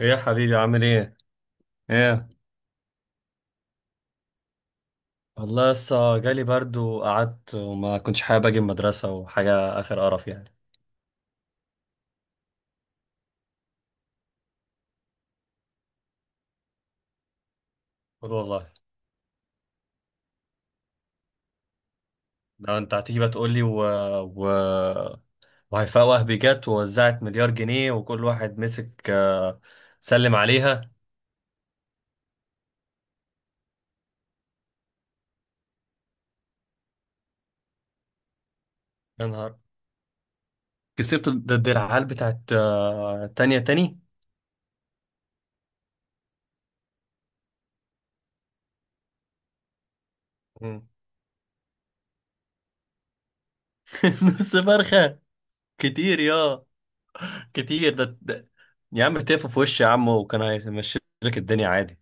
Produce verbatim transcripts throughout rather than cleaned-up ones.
ايه يا حبيبي، عامل ايه؟ ايه؟ والله لسه جالي برد وقعدت وما كنتش حابب اجي المدرسة وحاجة، اخر قرف يعني. قول والله. ده انت هتيجي بقى تقول لي و... و... وهيفاء وهبي جت ووزعت مليار جنيه وكل واحد مسك آه، سلم عليها. يا نهار! كسبت ضد العيال بتاعت آه، تانية تاني. مم. نص فرخة. كتير يا. كتير ده, ده... يا عم تقف في وشي يا عم، وكان هيمشي لك الدنيا عادي.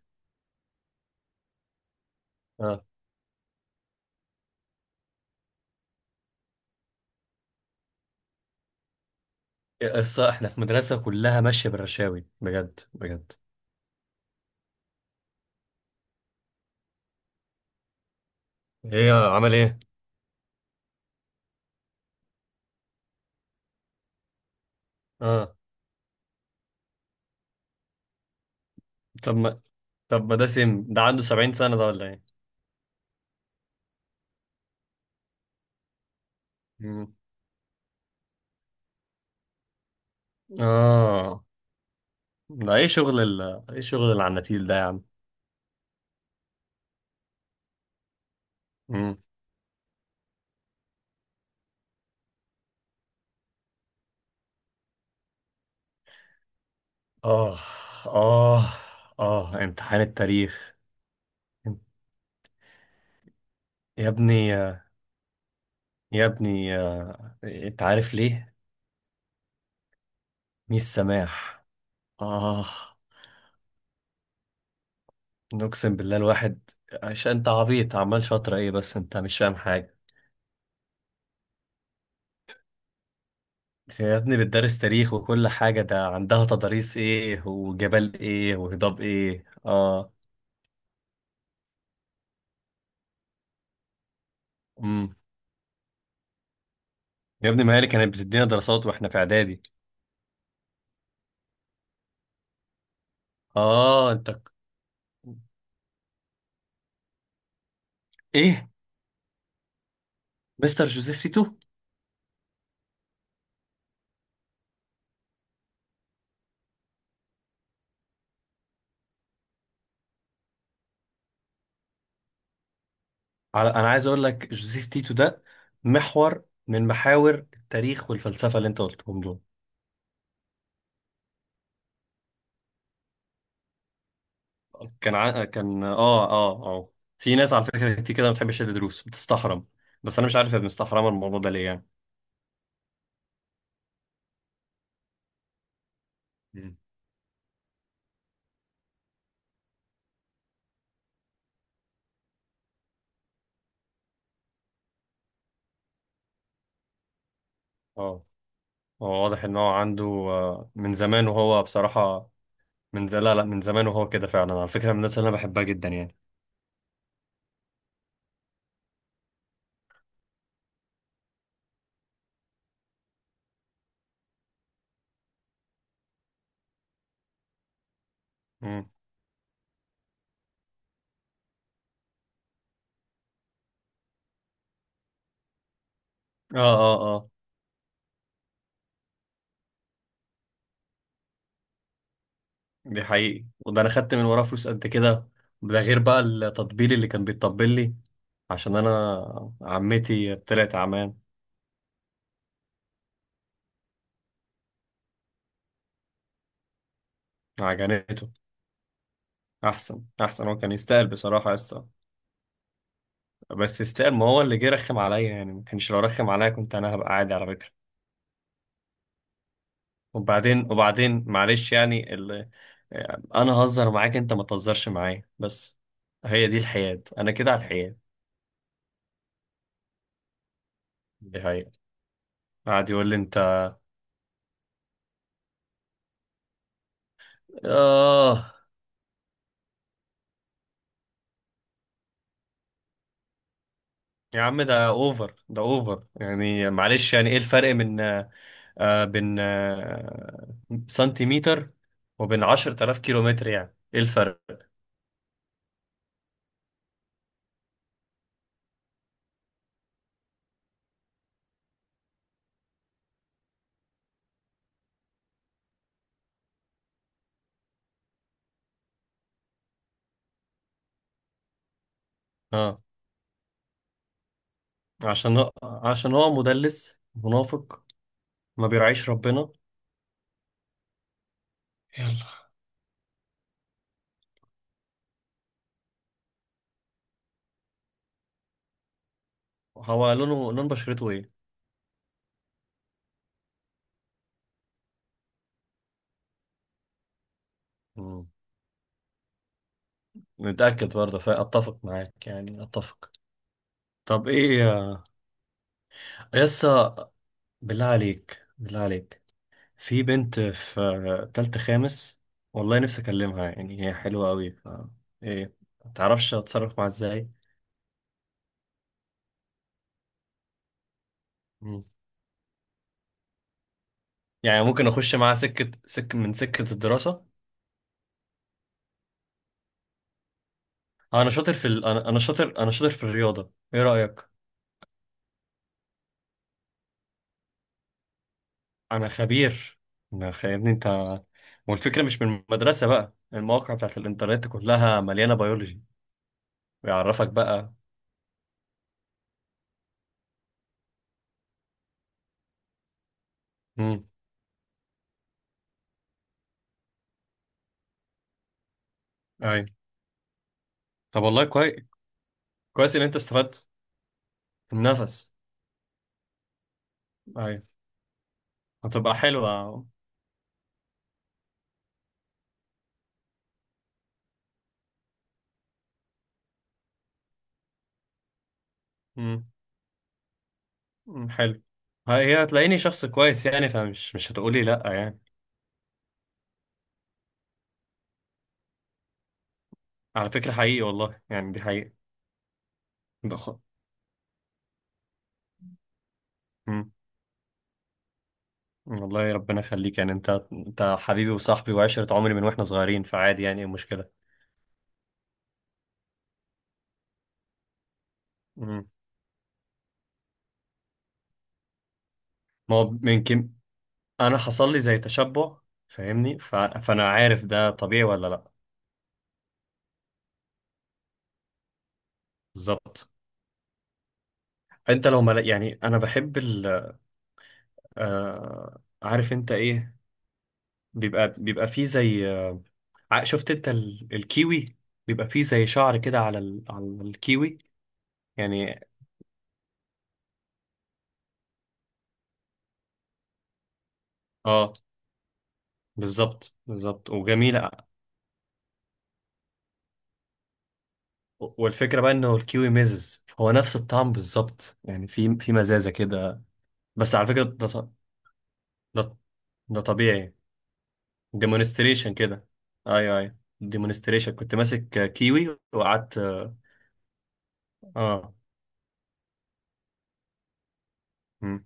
الص- احنا في مدرسة كلها ماشية بالرشاوي، بجد بجد. ايه عمل ايه؟ اه. طب ما طب ما ده سم، ده عنده سبعين سنة ده ولا ايه؟ مم. اه. ده ايه شغل ال ايه شغل العناتيل ده يا عم؟ مم. اه اه اه. امتحان التاريخ. يا ابني يا ابني، آه، انت عارف ليه؟ ميس سماح. اه. نقسم بالله الواحد. عشان انت عبيط عمال شاطر ايه، بس انت مش فاهم حاجة. يا ابني بتدرس تاريخ وكل حاجة، ده عندها تضاريس ايه وجبال ايه وهضاب ايه. اه. امم. يا ابني ما هي اللي كانت بتدينا دراسات واحنا في اعدادي. اه انت ك- ايه. مستر جوزيف تيتو. على، انا عايز اقول لك جوزيف تيتو ده محور من محاور التاريخ والفلسفة اللي انت قلتهم دول. كان ع... كان اه اه اه. في ناس على فكرة كتير كده ما بتحبش تدي دروس، بتستحرم. بس انا مش عارف هي مستحرمة الموضوع ده ليه يعني. مم. اه. هو واضح ان هو عنده آه، من زمان، وهو بصراحة. من ز... لا لا، من زمان وهو كده فعلا. على فكرة من الناس اللي انا بحبها جدا يعني. مم. اه اه اه. دي حقيقي، وده انا خدت من وراه فلوس قد كده. ده غير بقى التطبيل اللي كان بيتطبل لي عشان انا عمتي طلعت عمان. عجنته. احسن احسن، هو كان يستاهل بصراحة يا اسطى. بس يستاهل، ما هو اللي جه رخم عليا يعني، ما كانش لو رخم عليا كنت انا هبقى عادي على فكرة. وبعدين وبعدين معلش يعني ال... انا هزر معاك، انت ما تهزرش معايا بس. هي دي الحياة، انا كده على الحياة. دي حقيقة. قعد يقول لي انت آه يا عم ده اوفر، ده اوفر يعني. معلش يعني ايه الفرق من آه بين آه سنتيمتر وبين عشرة آلاف كيلومتر؟ يعني ايه الفرق؟ اه. عشان هو- عشان هو مدلس منافق، ما بيرعيش ربنا. يلا. هو لونه لون بشرته. ايه؟ متأكد برضه، فأتفق معاك يعني، أتفق. طب إيه. يسا، بالله عليك، بالله عليك. في بنت في تالتة خامس، والله نفسي أكلمها. يعني هي حلوة أوي، ف... إيه. متعرفش أتصرف معاها إزاي. مم. يعني ممكن أخش معاها سكة، سك من سكة الدراسة. أنا شاطر في ال... أنا أنا شاطر أنا شاطر في الرياضة، إيه رأيك؟ أنا خبير. أنا خ... يا ابني أنت. والفكرة مش من المدرسة بقى، المواقع بتاعت الإنترنت كلها مليانة بيولوجي. بيعرفك بقى. ايوه. طب والله كويس. كويس ان انت استفدت. النفس. ايوه. هتبقى حلوة. امم. أمم، حلو. هي هتلاقيني شخص كويس يعني، فمش مش هتقولي لا يعني. على فكرة حقيقي والله يعني، دي حقيقة. ده خ... أمم، والله ربنا يخليك. يعني انت انت حبيبي وصاحبي وعشرة عمري من واحنا صغيرين، فعادي يعني، ايه المشكلة. أمم. ما هو يمكن انا حصل لي زي تشبع، فاهمني. ف... فانا عارف ده طبيعي ولا لا. بالظبط. انت لو ما لا- يعني انا بحب ال... آه، عارف انت ايه. بيبقى بيبقى فيه زي آه، ع- شفت انت ال- الكيوي. بيبقى فيه زي شعر كده على ال... على الكيوي. يعني. اه. بالظبط بالظبط، وجميلة. والفكرة بقى انه الكيوي مزز، هو نفس الطعم بالظبط يعني في في مزازة كده. بس على فكرة ده ط- ده, ده طبيعي. ديمونستريشن كده. ايوه ايوه. ديمونستريشن، كنت ماسك كيوي وقعدت، اه. آه. مم.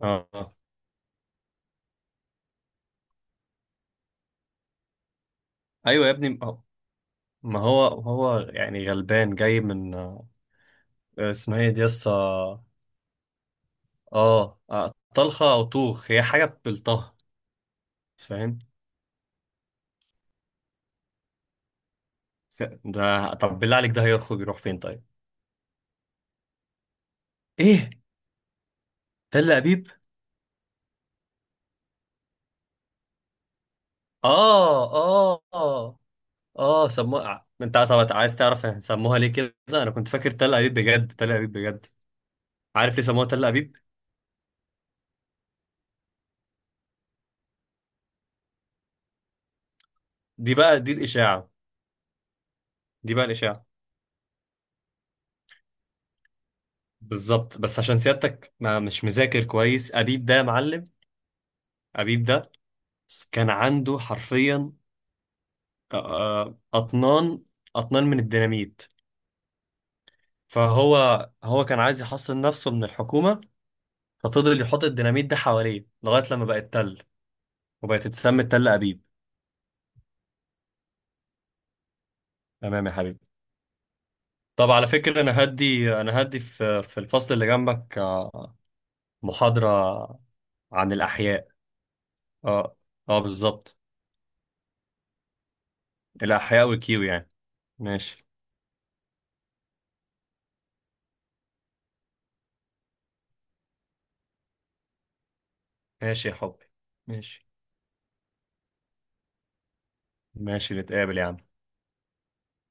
اه. آه. ايوه يا ابني، ما هو ما هو هو يعني غلبان، جاي من آه، اسمها ايه دي يسطا؟ اه. آه. طلخة او طوخ، هي حاجة بالطه. فاهم. س- ده طب بالله عليك ده هيخرج يروح فين طيب؟ ايه؟ تل ابيب؟ اه اه اه اه. سموها انت، طب عايز تعرف سموها ليه كده؟ انا كنت فاكر تل ابيب بجد، تل ابيب بجد. عارف ليه سموها تل ابيب؟ دي بقى، دي الاشاعة. دي بقى الاشاعة. بالظبط، بس عشان سيادتك ما مش مذاكر كويس. ابيب ده يا معلم، ابيب ده كان عنده حرفيا آه، أطنان، أطنان من الديناميت. فهو، هو كان عايز يحصن نفسه من الحكومة. ففضل يحط الديناميت ده حواليه لغاية لما بقت تل، وبقت تسمى تل أبيب. تمام يا حبيبي. طب على فكرة أنا هدي أنا هدي في في الفصل اللي جنبك، آه، محاضرة عن الأحياء. اه. اه بالظبط. الأحياء والكيو يعني. ماشي. ماشي يا حبي. ماشي. ماشي، نتقابل يا عم.